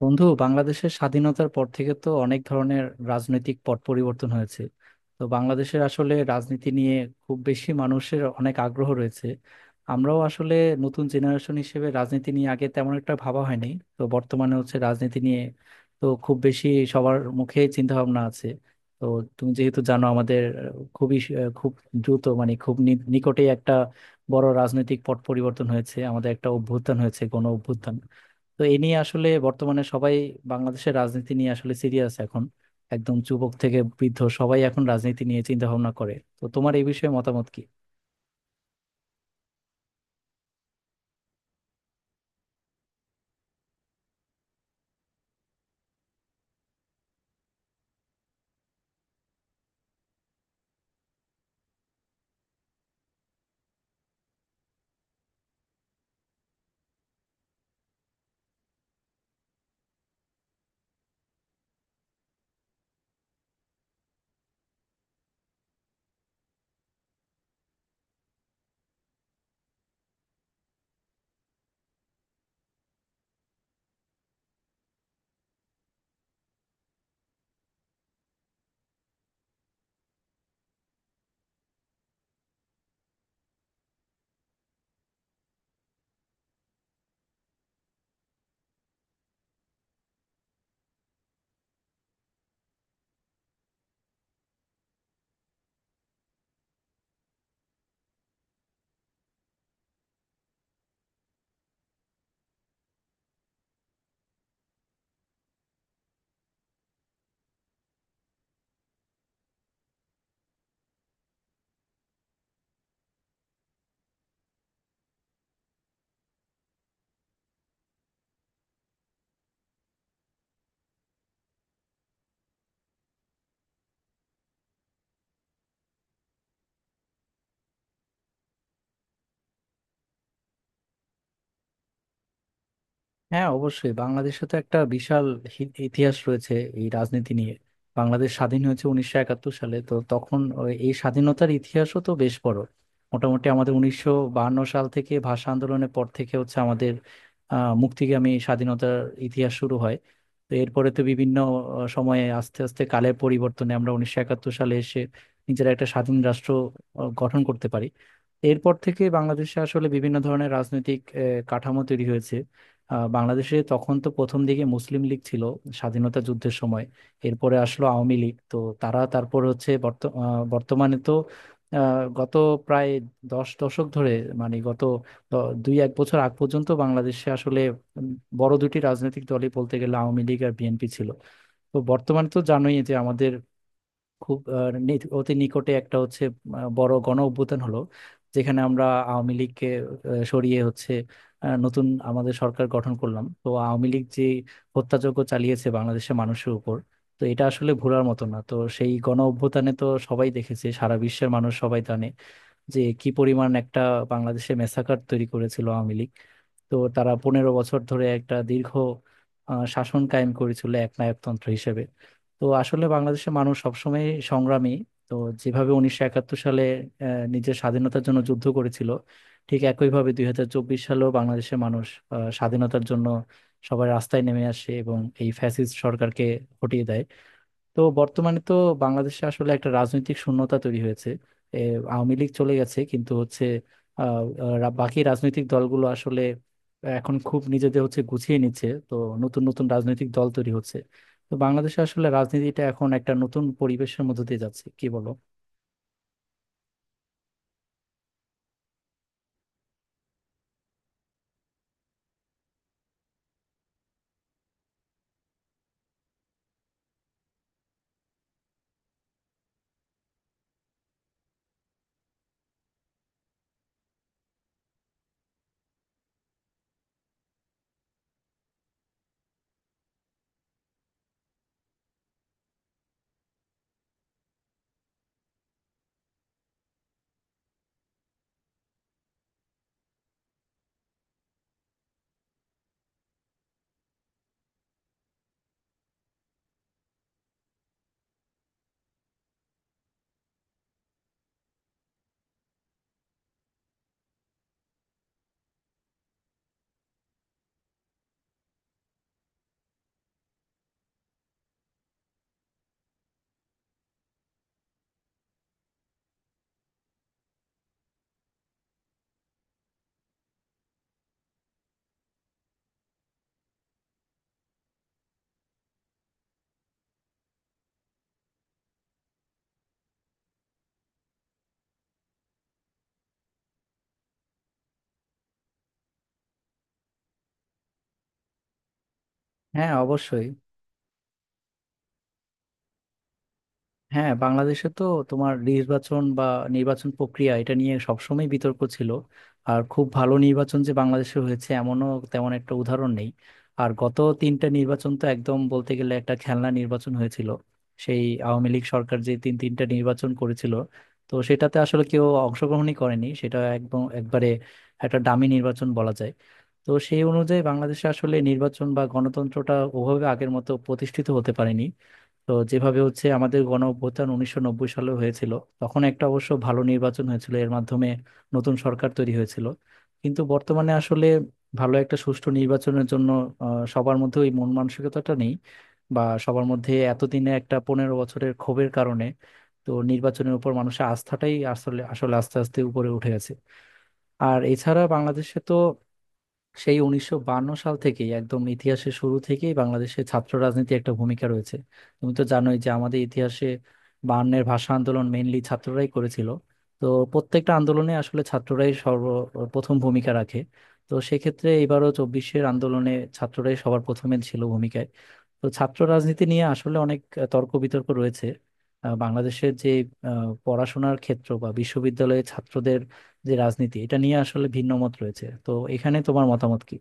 বন্ধু, বাংলাদেশের স্বাধীনতার পর থেকে তো অনেক ধরনের রাজনৈতিক পট পরিবর্তন হয়েছে। তো বাংলাদেশের আসলে রাজনীতি নিয়ে খুব বেশি মানুষের অনেক আগ্রহ রয়েছে। আমরাও আসলে নতুন জেনারেশন হিসেবে রাজনীতি নিয়ে আগে তেমন একটা ভাবা হয়নি। তো বর্তমানে হচ্ছে রাজনীতি নিয়ে তো খুব বেশি সবার মুখে চিন্তা ভাবনা আছে। তো তুমি যেহেতু জানো আমাদের খুবই খুব দ্রুত, মানে খুব নিকটেই একটা বড় রাজনৈতিক পট পরিবর্তন হয়েছে, আমাদের একটা অভ্যুত্থান হয়েছে, গণ অভ্যুত্থান। তো এ নিয়ে আসলে বর্তমানে সবাই বাংলাদেশের রাজনীতি নিয়ে আসলে সিরিয়াস এখন। একদম যুবক থেকে বৃদ্ধ সবাই এখন রাজনীতি নিয়ে চিন্তা ভাবনা করে। তো তোমার এই বিষয়ে মতামত কি? হ্যাঁ, অবশ্যই। বাংলাদেশে তো একটা বিশাল ইতিহাস রয়েছে এই রাজনীতি নিয়ে। বাংলাদেশ স্বাধীন হয়েছে 1971 সালে, তো তখন এই স্বাধীনতার ইতিহাসও তো বেশ বড়। মোটামুটি আমাদের 1952 সাল থেকে, ভাষা আন্দোলনের পর থেকে হচ্ছে আমাদের মুক্তিগামী স্বাধীনতার ইতিহাস শুরু হয়। তো এরপরে তো বিভিন্ন সময়ে, আস্তে আস্তে কালের পরিবর্তনে আমরা 1971 সালে এসে নিজেরা একটা স্বাধীন রাষ্ট্র গঠন করতে পারি। এরপর থেকে বাংলাদেশে আসলে বিভিন্ন ধরনের রাজনৈতিক কাঠামো তৈরি হয়েছে। বাংলাদেশে তখন তো প্রথম দিকে মুসলিম লীগ ছিল স্বাধীনতা যুদ্ধের সময়। এরপরে আসলো আওয়ামী লীগ, তো তারা তারপর হচ্ছে বর্তমানে তো গত প্রায় 10 দশক ধরে, মানে গত দুই এক বছর আগ পর্যন্ত বাংলাদেশে আসলে উম, বড় দুটি রাজনৈতিক দলই বলতে গেলে আওয়ামী লীগ আর বিএনপি ছিল। তো বর্তমানে তো জানোই যে আমাদের খুব অতি নিকটে একটা হচ্ছে বড় গণ অভ্যুত্থান হলো, যেখানে আমরা আওয়ামী লীগকে সরিয়ে হচ্ছে নতুন আমাদের সরকার গঠন করলাম। তো আওয়ামী লীগ যে হত্যাযজ্ঞ চালিয়েছে বাংলাদেশের মানুষের উপর, তো এটা আসলে ভোলার মতো না। তো সেই গণ অভ্যুত্থানে তো সবাই দেখেছে, সারা বিশ্বের মানুষ সবাই জানে যে কি পরিমাণ একটা বাংলাদেশে মেসাকার তৈরি করেছিল আওয়ামী লীগ। তো তারা 15 বছর ধরে একটা দীর্ঘ শাসন কায়েম করেছিল, একনায়কতন্ত্র হিসেবে। তো আসলে বাংলাদেশের মানুষ সবসময় সংগ্রামী। তো যেভাবে 1971 সালে আহ, নিজের স্বাধীনতার জন্য যুদ্ধ করেছিল, ঠিক একইভাবে 2024 সালেও বাংলাদেশের মানুষ স্বাধীনতার জন্য সবাই রাস্তায় নেমে আসে এবং এই ফ্যাসিস্ট সরকারকে হটিয়ে দেয়। তো বর্তমানে তো বাংলাদেশে আসলে একটা রাজনৈতিক শূন্যতা তৈরি হয়েছে। এ, আওয়ামী লীগ চলে গেছে, কিন্তু হচ্ছে আহ, আহ, বাকি রাজনৈতিক দলগুলো আসলে এখন খুব নিজেদের হচ্ছে গুছিয়ে নিচ্ছে। তো নতুন নতুন রাজনৈতিক দল তৈরি হচ্ছে। তো বাংলাদেশে আসলে রাজনীতিটা এখন একটা নতুন পরিবেশের মধ্যে দিয়ে যাচ্ছে। কি বলো? হ্যাঁ, অবশ্যই। হ্যাঁ, বাংলাদেশে তো তোমার নির্বাচন বা নির্বাচন প্রক্রিয়া, এটা নিয়ে সবসময় বিতর্ক ছিল। আর খুব ভালো নির্বাচন যে বাংলাদেশে হয়েছে এমনও তেমন একটা উদাহরণ নেই। আর গত তিনটা নির্বাচন তো একদম বলতে গেলে একটা খেলনা নির্বাচন হয়েছিল। সেই আওয়ামী লীগ সরকার যে তিন তিনটা নির্বাচন করেছিল, তো সেটাতে আসলে কেউ অংশগ্রহণই করেনি, সেটা একদম একবারে একটা ডামি নির্বাচন বলা যায়। তো সেই অনুযায়ী বাংলাদেশে আসলে নির্বাচন বা গণতন্ত্রটা ওভাবে আগের মতো প্রতিষ্ঠিত হতে পারেনি। তো যেভাবে হচ্ছে আমাদের গণ অভ্যুত্থান 1990 সালে হয়েছিল, তখন একটা অবশ্য ভালো নির্বাচন হয়েছিল, এর মাধ্যমে নতুন সরকার তৈরি হয়েছিল। কিন্তু বর্তমানে আসলে ভালো একটা সুষ্ঠু নির্বাচনের জন্য সবার মধ্যে ওই মন মানসিকতাটা নেই, বা সবার মধ্যে এতদিনে একটা 15 বছরের ক্ষোভের কারণে তো নির্বাচনের উপর মানুষের আস্থাটাই আসলে আসলে আস্তে আস্তে উপরে উঠে গেছে। আর এছাড়া বাংলাদেশে তো সেই 1952 সাল থেকেই, একদম ইতিহাসের শুরু থেকেই বাংলাদেশে ছাত্র রাজনীতি একটা ভূমিকা রয়েছে। তুমি তো জানোই যে আমাদের ইতিহাসে বায়ান্নের ভাষা আন্দোলন মেইনলি ছাত্ররাই করেছিল। তো প্রত্যেকটা আন্দোলনে আসলে ছাত্ররাই সর্বপ্রথম ভূমিকা রাখে। তো সেক্ষেত্রে এবারও চব্বিশের আন্দোলনে ছাত্ররাই সবার প্রথমে ছিল ভূমিকায়। তো ছাত্র রাজনীতি নিয়ে আসলে অনেক তর্ক বিতর্ক রয়েছে। বাংলাদেশের যে পড়াশোনার ক্ষেত্র বা বিশ্ববিদ্যালয়ে ছাত্রদের যে রাজনীতি, এটা নিয়ে আসলে ভিন্ন মত রয়েছে। তো এখানে তোমার মতামত কি?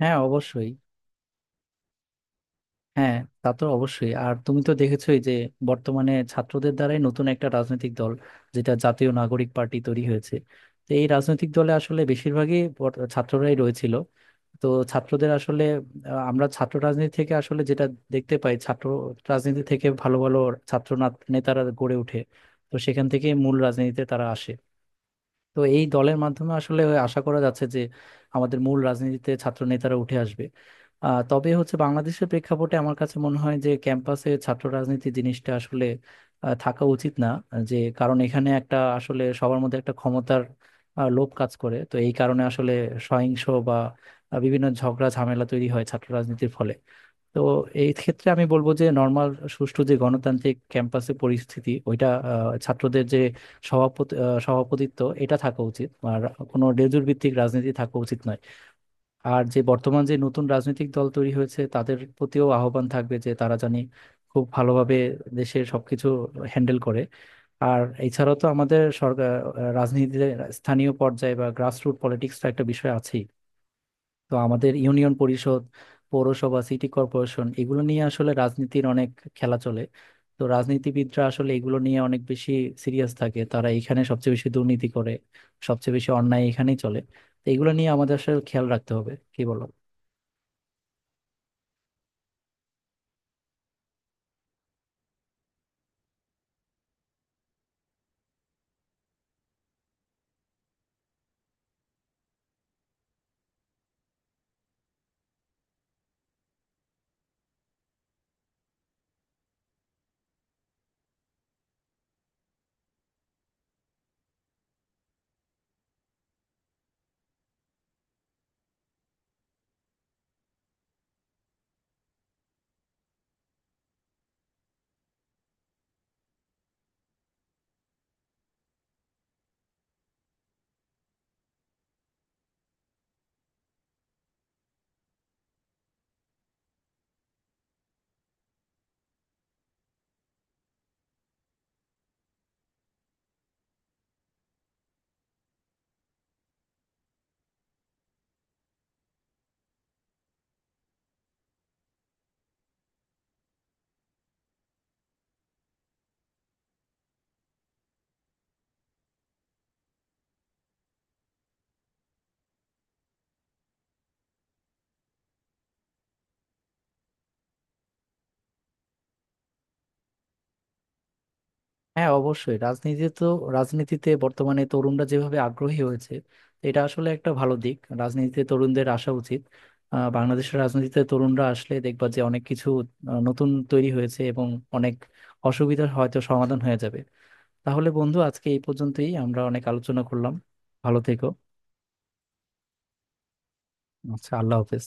হ্যাঁ, অবশ্যই। হ্যাঁ, তা তো অবশ্যই। আর তুমি তো দেখেছোই যে বর্তমানে ছাত্রদের দ্বারাই নতুন একটা রাজনৈতিক দল, যেটা জাতীয় নাগরিক পার্টি, তৈরি হয়েছে। তো এই রাজনৈতিক দলে আসলে বেশিরভাগই ছাত্ররাই রয়েছিল। তো ছাত্রদের আসলে আমরা ছাত্র রাজনীতি থেকে আসলে যেটা দেখতে পাই, ছাত্র রাজনীতি থেকে ভালো ভালো ছাত্র নেতারা গড়ে ওঠে। তো সেখান থেকে মূল রাজনীতিতে তারা আসে। তো এই দলের মাধ্যমে আসলে আশা করা যাচ্ছে যে আমাদের মূল রাজনীতিতে ছাত্র নেতারা উঠে আসবে। তবে হচ্ছে, বাংলাদেশের প্রেক্ষাপটে আমার কাছে মনে হয় যে ক্যাম্পাসে ছাত্র রাজনীতি জিনিসটা আসলে থাকা উচিত না। যে কারণ এখানে একটা আসলে সবার মধ্যে একটা ক্ষমতার লোভ কাজ করে, তো এই কারণে আসলে সহিংস বা বিভিন্ন ঝগড়া ঝামেলা তৈরি হয় ছাত্র রাজনীতির ফলে। তো এই ক্ষেত্রে আমি বলবো যে নর্মাল সুষ্ঠু যে গণতান্ত্রিক ক্যাম্পাসে পরিস্থিতি, ওইটা ছাত্রদের যে সভাপতিত্ব এটা থাকা উচিত, আর কোনো লেজুর ভিত্তিক রাজনীতি থাকা উচিত নয়। আর যে বর্তমান যে নতুন রাজনৈতিক দল তৈরি হয়েছে তাদের প্রতিও আহ্বান থাকবে যে তারা জানি খুব ভালোভাবে দেশের সবকিছু হ্যান্ডেল করে। আর এছাড়াও তো আমাদের সরকার রাজনীতিতে স্থানীয় পর্যায়ে বা গ্রাসরুট পলিটিক্সটা একটা বিষয় আছেই। তো আমাদের ইউনিয়ন পরিষদ, পৌরসভা, সিটি কর্পোরেশন, এগুলো নিয়ে আসলে রাজনীতির অনেক খেলা চলে। তো রাজনীতিবিদরা আসলে এগুলো নিয়ে অনেক বেশি সিরিয়াস থাকে, তারা এখানে সবচেয়ে বেশি দুর্নীতি করে, সবচেয়ে বেশি অন্যায় এখানেই চলে। তো এগুলো নিয়ে আমাদের আসলে খেয়াল রাখতে হবে। কি বলো? হ্যাঁ, অবশ্যই। রাজনীতি তো, রাজনীতিতে বর্তমানে তরুণরা যেভাবে আগ্রহী হয়েছে, এটা আসলে একটা ভালো দিক। রাজনীতিতে তরুণদের আসা উচিত। বাংলাদেশের রাজনীতিতে তরুণরা আসলে দেখবা যে অনেক কিছু নতুন তৈরি হয়েছে এবং অনেক অসুবিধার হয়তো সমাধান হয়ে যাবে। তাহলে বন্ধু, আজকে এই পর্যন্তই। আমরা অনেক আলোচনা করলাম। ভালো থেকো। আচ্ছা, আল্লাহ হাফেজ।